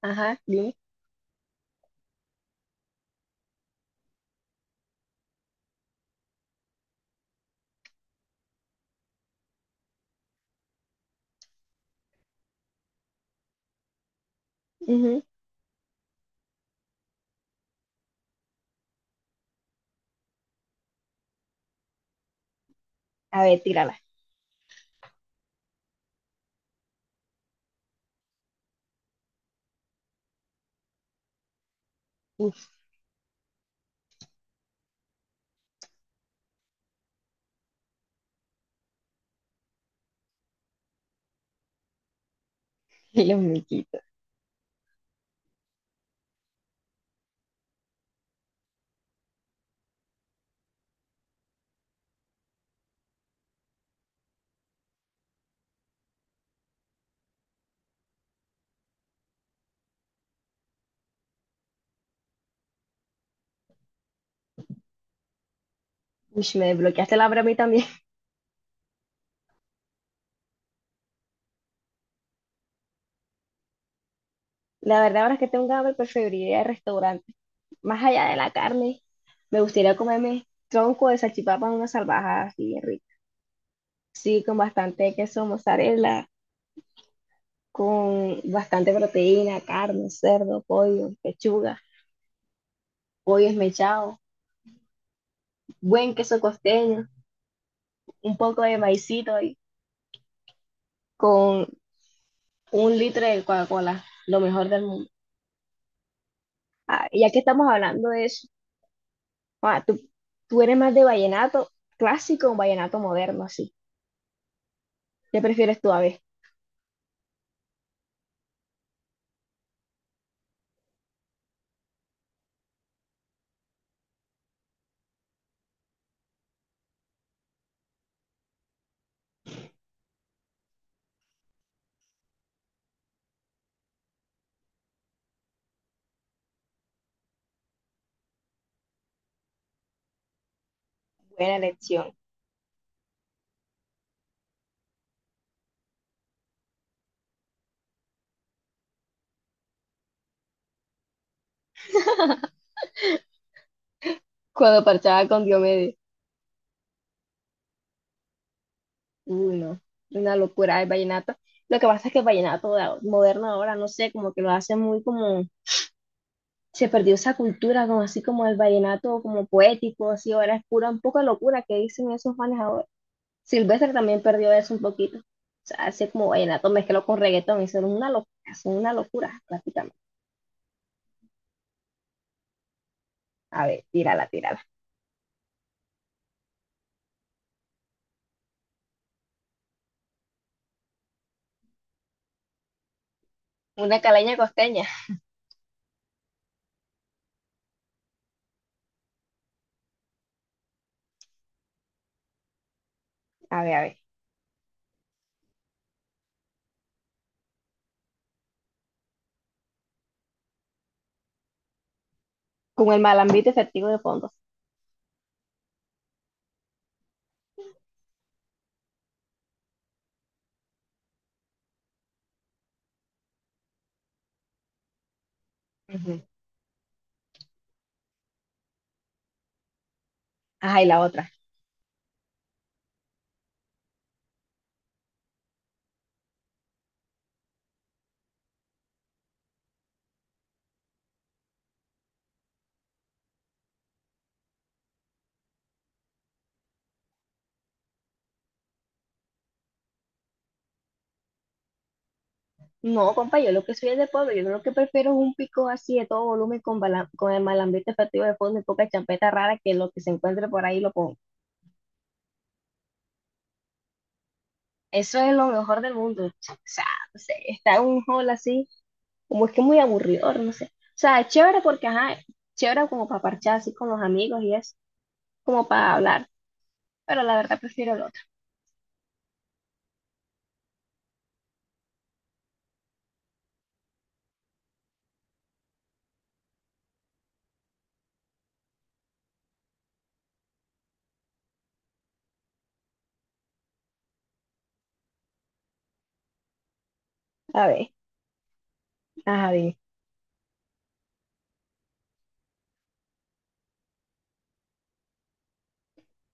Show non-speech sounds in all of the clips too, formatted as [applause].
Ajá, dime. Ujú. A ver, tírala. Uf, [laughs] los miquitos. Uy, me desbloqueaste la hora a mí también. [laughs] La verdad, ahora que tengo hambre, preferiría el restaurante. Más allá de la carne, me gustaría comerme tronco de salchipapa en una salvajada así, rica. Sí, con bastante queso mozzarella, con bastante proteína, carne, cerdo, pollo, pechuga, pollo esmechado, buen queso costeño, un poco de maicito y con un litro de Coca-Cola, lo mejor del mundo. Ah, y ya que estamos hablando de eso, Ah, tú eres más de vallenato clásico o vallenato moderno, así. ¿Qué prefieres tú, a ver? Buena elección. [laughs] Cuando parchaba con Diomedes. Uy, no. Una locura el vallenato. Lo que pasa es que el vallenato de ahora- moderno ahora, no sé, como que lo hace muy como... Se perdió esa cultura, como así como el vallenato como poético, así ahora es pura, un poco de locura que dicen esos manes ahora. Silvestre también perdió eso un poquito. O sea, hace como vallenato mezclado con reggaetón, y son una locura prácticamente. A ver, tírala, tírala. Una caleña costeña. A ver, a ver. Con el malambito efectivo de fondos. Ujú. Ajá, y la otra. No, compa, yo lo que soy es de pueblo. Yo lo que prefiero es un pico así de todo volumen con, bala- con el malambito efectivo de fondo y poca champeta rara que lo que se encuentre por ahí lo pongo. Eso es lo mejor del mundo. O sea, no sé, está en un hall así, como es que muy aburridor, no sé. O sea, es chévere porque, ajá, chévere como para parchar así con los amigos y es como para hablar. Pero la verdad prefiero el otro. A ver. Ajá, dime.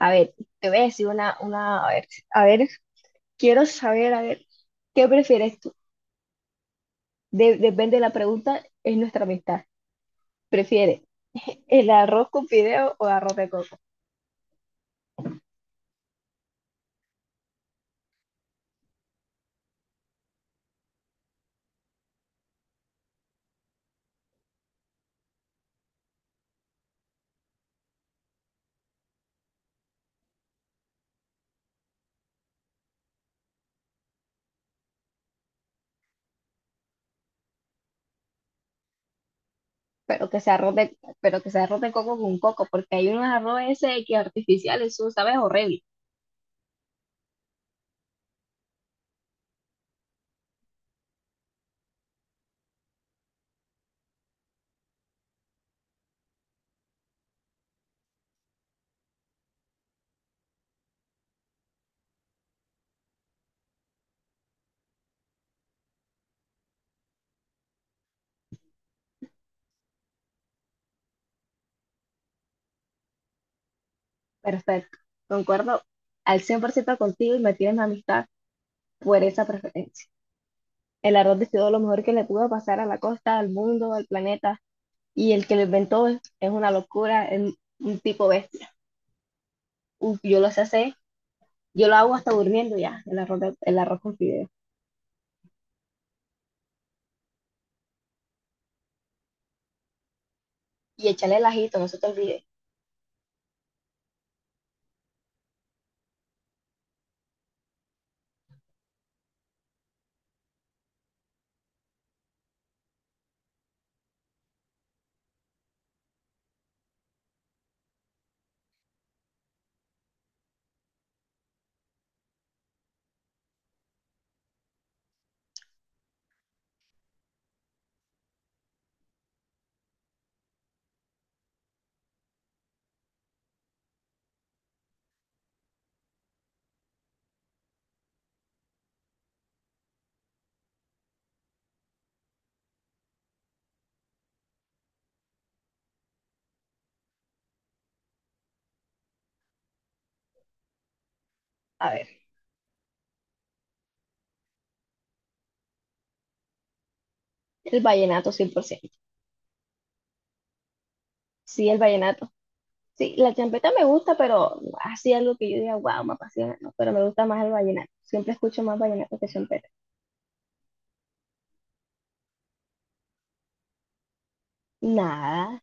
A ver, te voy a decir a ver, a ver, quiero saber, a ver, ¿qué prefieres tú? De- depende de la pregunta, es nuestra amistad. ¿Prefieres el arroz con fideo o arroz de coco? Pero que sea arroz de, pero que sea arroz de coco con coco, porque hay unos arroz ese que artificiales, eso sabe horrible. Perfecto, concuerdo al 100% contigo y me tienes mi amistad por esa preferencia. El arroz de fideo es lo mejor que le pudo pasar a la costa, al mundo, al planeta, y el que lo inventó es una locura, es un tipo bestia. Uf, yo lo sé hacer, yo lo hago hasta durmiendo ya, el arroz, de- el arroz con fideo. Y echarle el ajito, no se te olvide. A ver, el vallenato 100%. Sí, el vallenato. Sí, la champeta me gusta, pero así algo que yo diga, wow, me apasiona, no, pero me gusta más el vallenato. Siempre escucho más vallenato que champeta. Nada,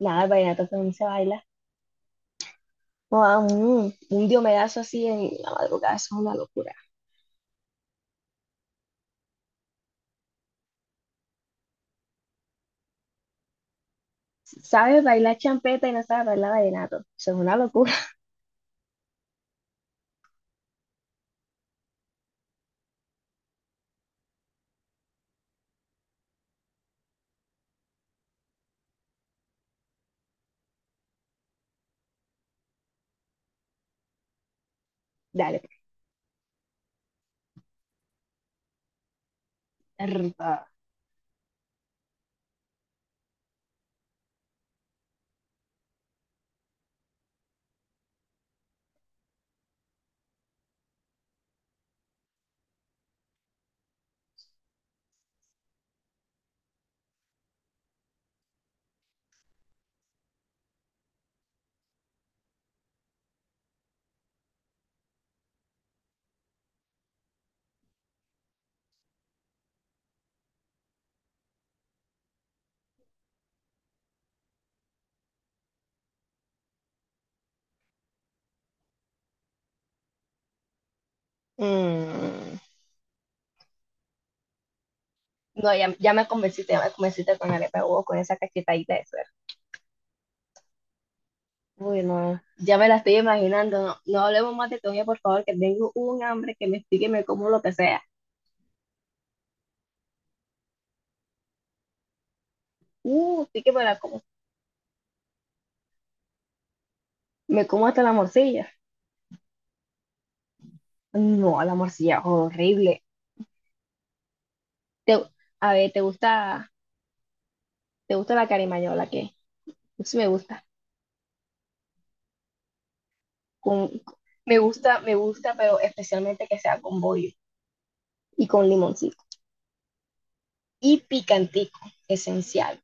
nada, el vallenato también se baila. Guau, mm, un diomedazo así en la madrugada, eso es una locura. ¿Sabes bailar champeta y no sabes bailar vallenato? Eso es una locura. [laughs] Dale. Pues. Mm. No, ya, ya me convenciste con arepa de huevo, con esa cachetadita de suero. Uy, no, ya me la estoy imaginando. No, no hablemos más de comida, por favor, que tengo un hambre que me explique, me como lo que sea. Sí que me la como. Me como hasta la morcilla. No, la morcilla, horrible. Te- a ver, te gusta la carimañola? ¿Qué? Sí me gusta. Con, me gusta, pero especialmente que sea con bollo y con limoncito. Y picantico, esencial.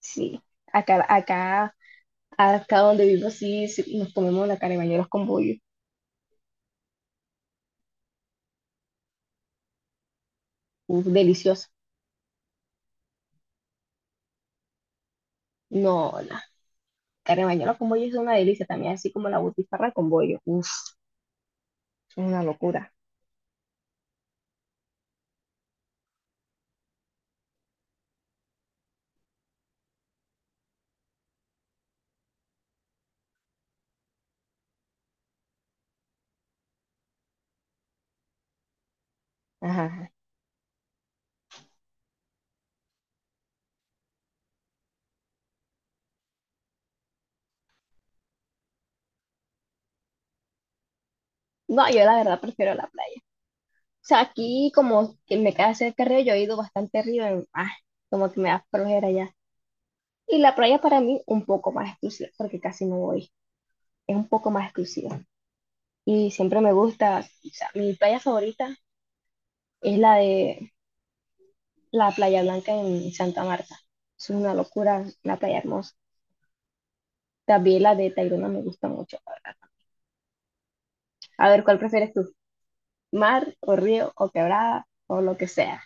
Sí, acá, acá Acá donde vivo sí, sí, nos comemos la carne de bañuelos con bollo. Uf, deliciosa. No, la carne de bañuelos con bollo es una delicia también, así como la butifarra con bollo. Uf, es una locura. Ajá. ajá. No, yo la verdad prefiero la playa. O sea, aquí como que me queda cerca del río, yo he ido bastante arriba, en- ah, como que me da flojera ya. Y la playa para mí un poco más exclusiva, porque casi no voy. Es un poco más exclusiva. Y siempre me gusta, o sea, mi playa favorita es la de la Playa Blanca en Santa Marta. Es una locura, la playa hermosa. También la de Tayrona me gusta mucho. La verdad. A ver, ¿cuál prefieres tú? ¿Mar o río o quebrada o lo que sea?